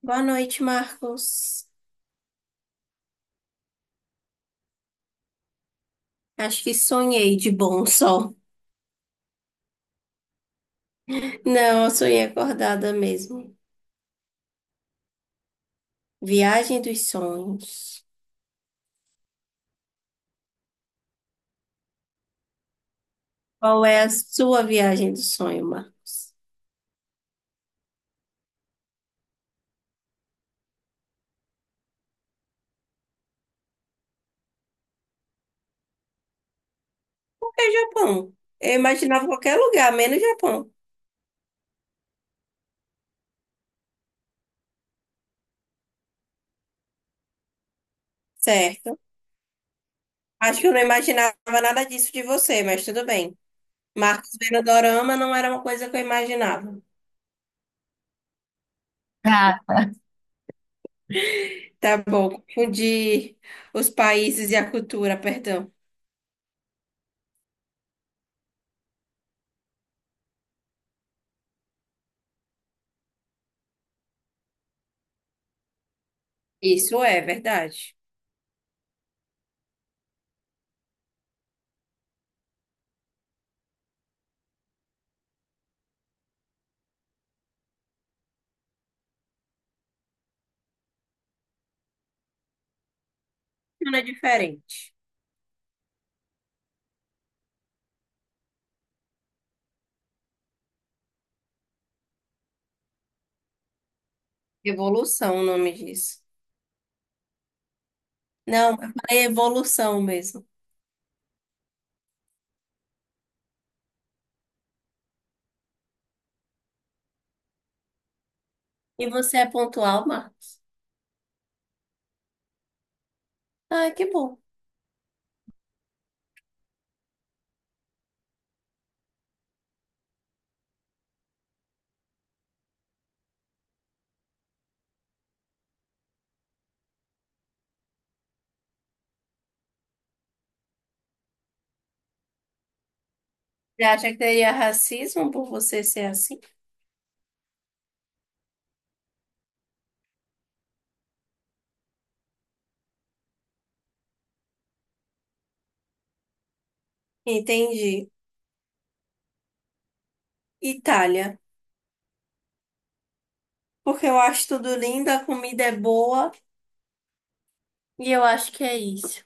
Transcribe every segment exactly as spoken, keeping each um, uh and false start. Boa noite, Marcos. Acho que sonhei de bom sol. Não, eu sonhei acordada mesmo. Viagem dos sonhos. Qual é a sua viagem do sonho, Marcos? É Japão. Eu imaginava qualquer lugar, menos Japão. Certo. Acho que eu não imaginava nada disso de você, mas tudo bem. Marcos vendo dorama não era uma coisa que eu imaginava. Tá bom, confundi os países e a cultura, perdão. Isso é verdade. Não é diferente. Evolução, o nome disso. Não, eu falei evolução mesmo. E você é pontual, Marcos? Ah, que bom. Você acha que teria racismo por você ser assim? Entendi. Itália. Porque eu acho tudo lindo, a comida é boa e eu acho que é isso.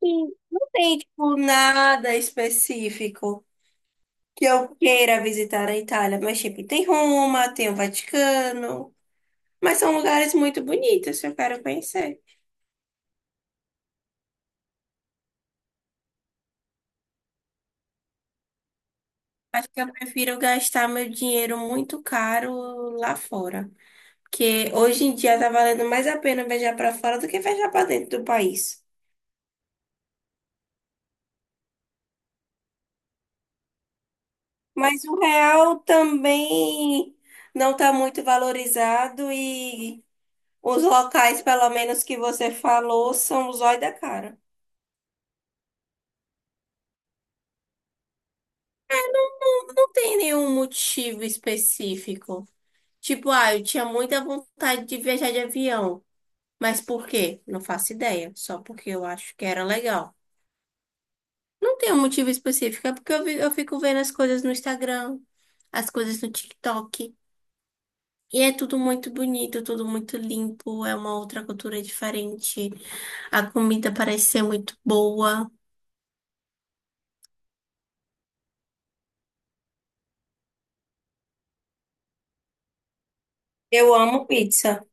Sim, não tem, tipo, nada específico que eu queira visitar a Itália. Mas, tipo, tem Roma, tem o Vaticano. Mas são lugares muito bonitos que eu quero conhecer. Acho que eu prefiro gastar meu dinheiro muito caro lá fora. Porque hoje em dia tá valendo mais a pena viajar para fora do que viajar para dentro do país. Mas o real também não está muito valorizado e os locais, pelo menos que você falou, são o zóio da cara. Não tem nenhum motivo específico. Tipo, ah, eu tinha muita vontade de viajar de avião. Mas por quê? Não faço ideia. Só porque eu acho que era legal. Não tem um motivo específico, é porque eu, vi- eu fico vendo as coisas no Instagram, as coisas no TikTok. E é tudo muito bonito, tudo muito limpo, é uma outra cultura diferente. A comida parece ser muito boa. Eu amo pizza.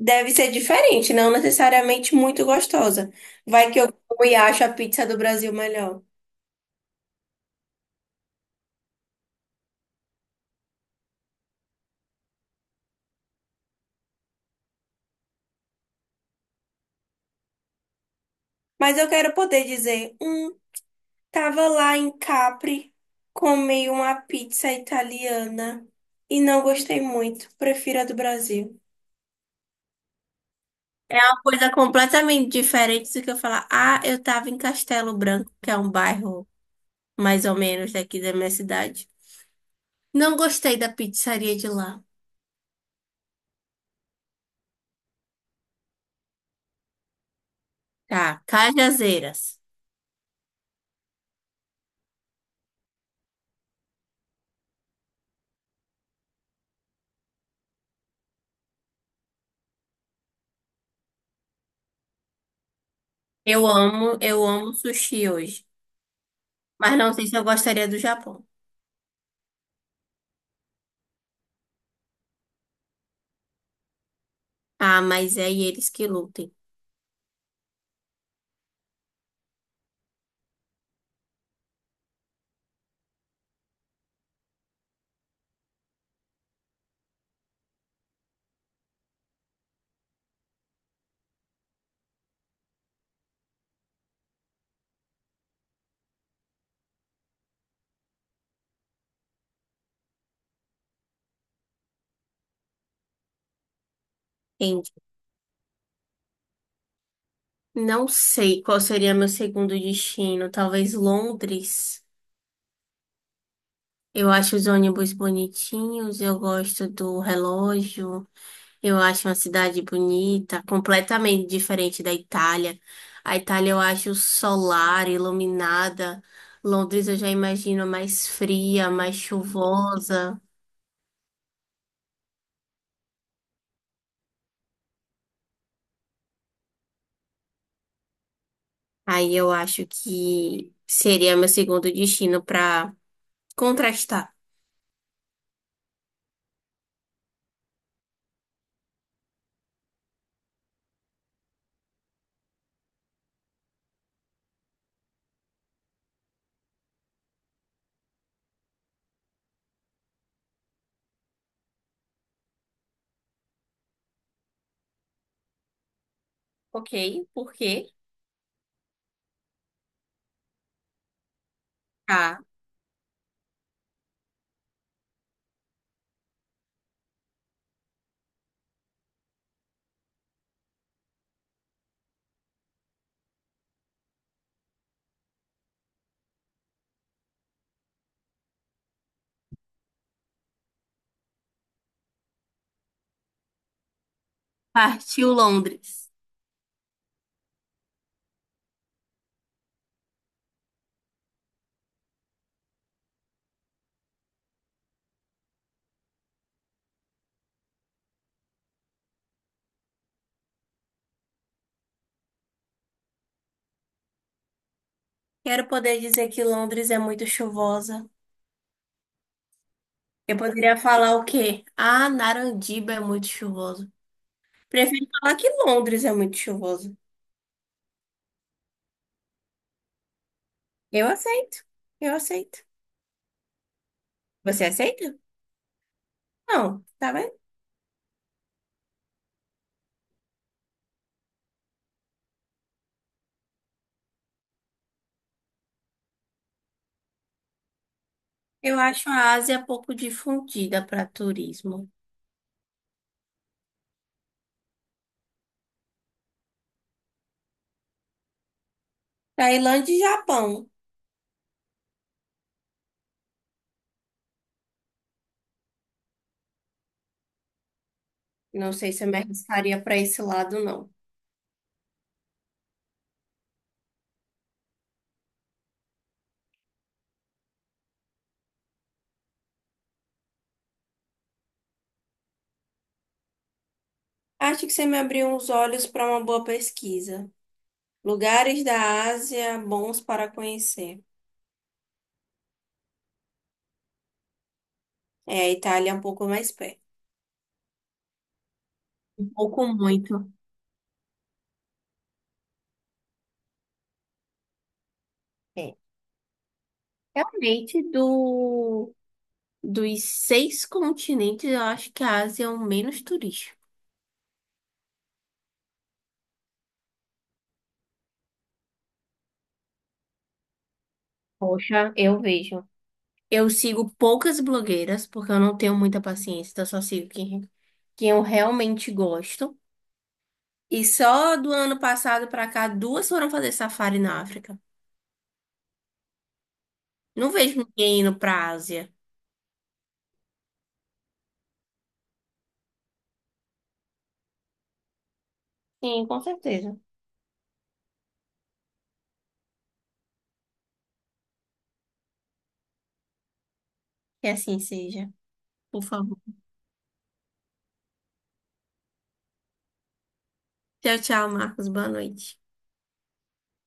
Deve ser diferente, não necessariamente muito gostosa. Vai que eu como e acho a pizza do Brasil melhor. Mas eu quero poder dizer, hum. Tava lá em Capri, comi uma pizza italiana e não gostei muito. Prefiro a do Brasil. Uma coisa completamente diferente do que eu falar. Ah, eu tava em Castelo Branco, que é um bairro mais ou menos daqui da minha cidade. Não gostei da pizzaria de lá. Tá, Cajazeiras. Eu amo, eu amo sushi hoje. Mas não sei se eu gostaria do Japão. Ah, mas é eles que lutem. Entendi. Não sei qual seria meu segundo destino. Talvez Londres. Eu acho os ônibus bonitinhos, eu gosto do relógio, eu acho uma cidade bonita, completamente diferente da Itália. A Itália eu acho solar, iluminada. Londres eu já imagino mais fria, mais chuvosa. Aí eu acho que seria meu segundo destino para contrastar. Ok, por quê? Tá. Partiu Londres. Quero poder dizer que Londres é muito chuvosa. Eu poderia falar o quê? Ah, Narandiba é muito chuvoso. Prefiro falar que Londres é muito chuvoso. Eu aceito. Eu aceito. Você aceita? Não, tá vendo? Eu acho a Ásia pouco difundida para turismo. Tailândia e Japão. Não sei se eu me arriscaria para esse lado, não. Acho que você me abriu os olhos para uma boa pesquisa. Lugares da Ásia bons para conhecer. É, a Itália é um pouco mais perto. Um pouco muito. É. Realmente, do, dos seis continentes, eu acho que a Ásia é o menos turístico. Poxa, eu vejo. Eu sigo poucas blogueiras, porque eu não tenho muita paciência, então eu só sigo quem, quem eu realmente gosto. E só do ano passado pra cá, duas foram fazer safari na África. Não vejo ninguém indo pra Ásia. Sim, com certeza. Que assim seja. Por favor. Tchau, tchau, Marcos. Boa noite.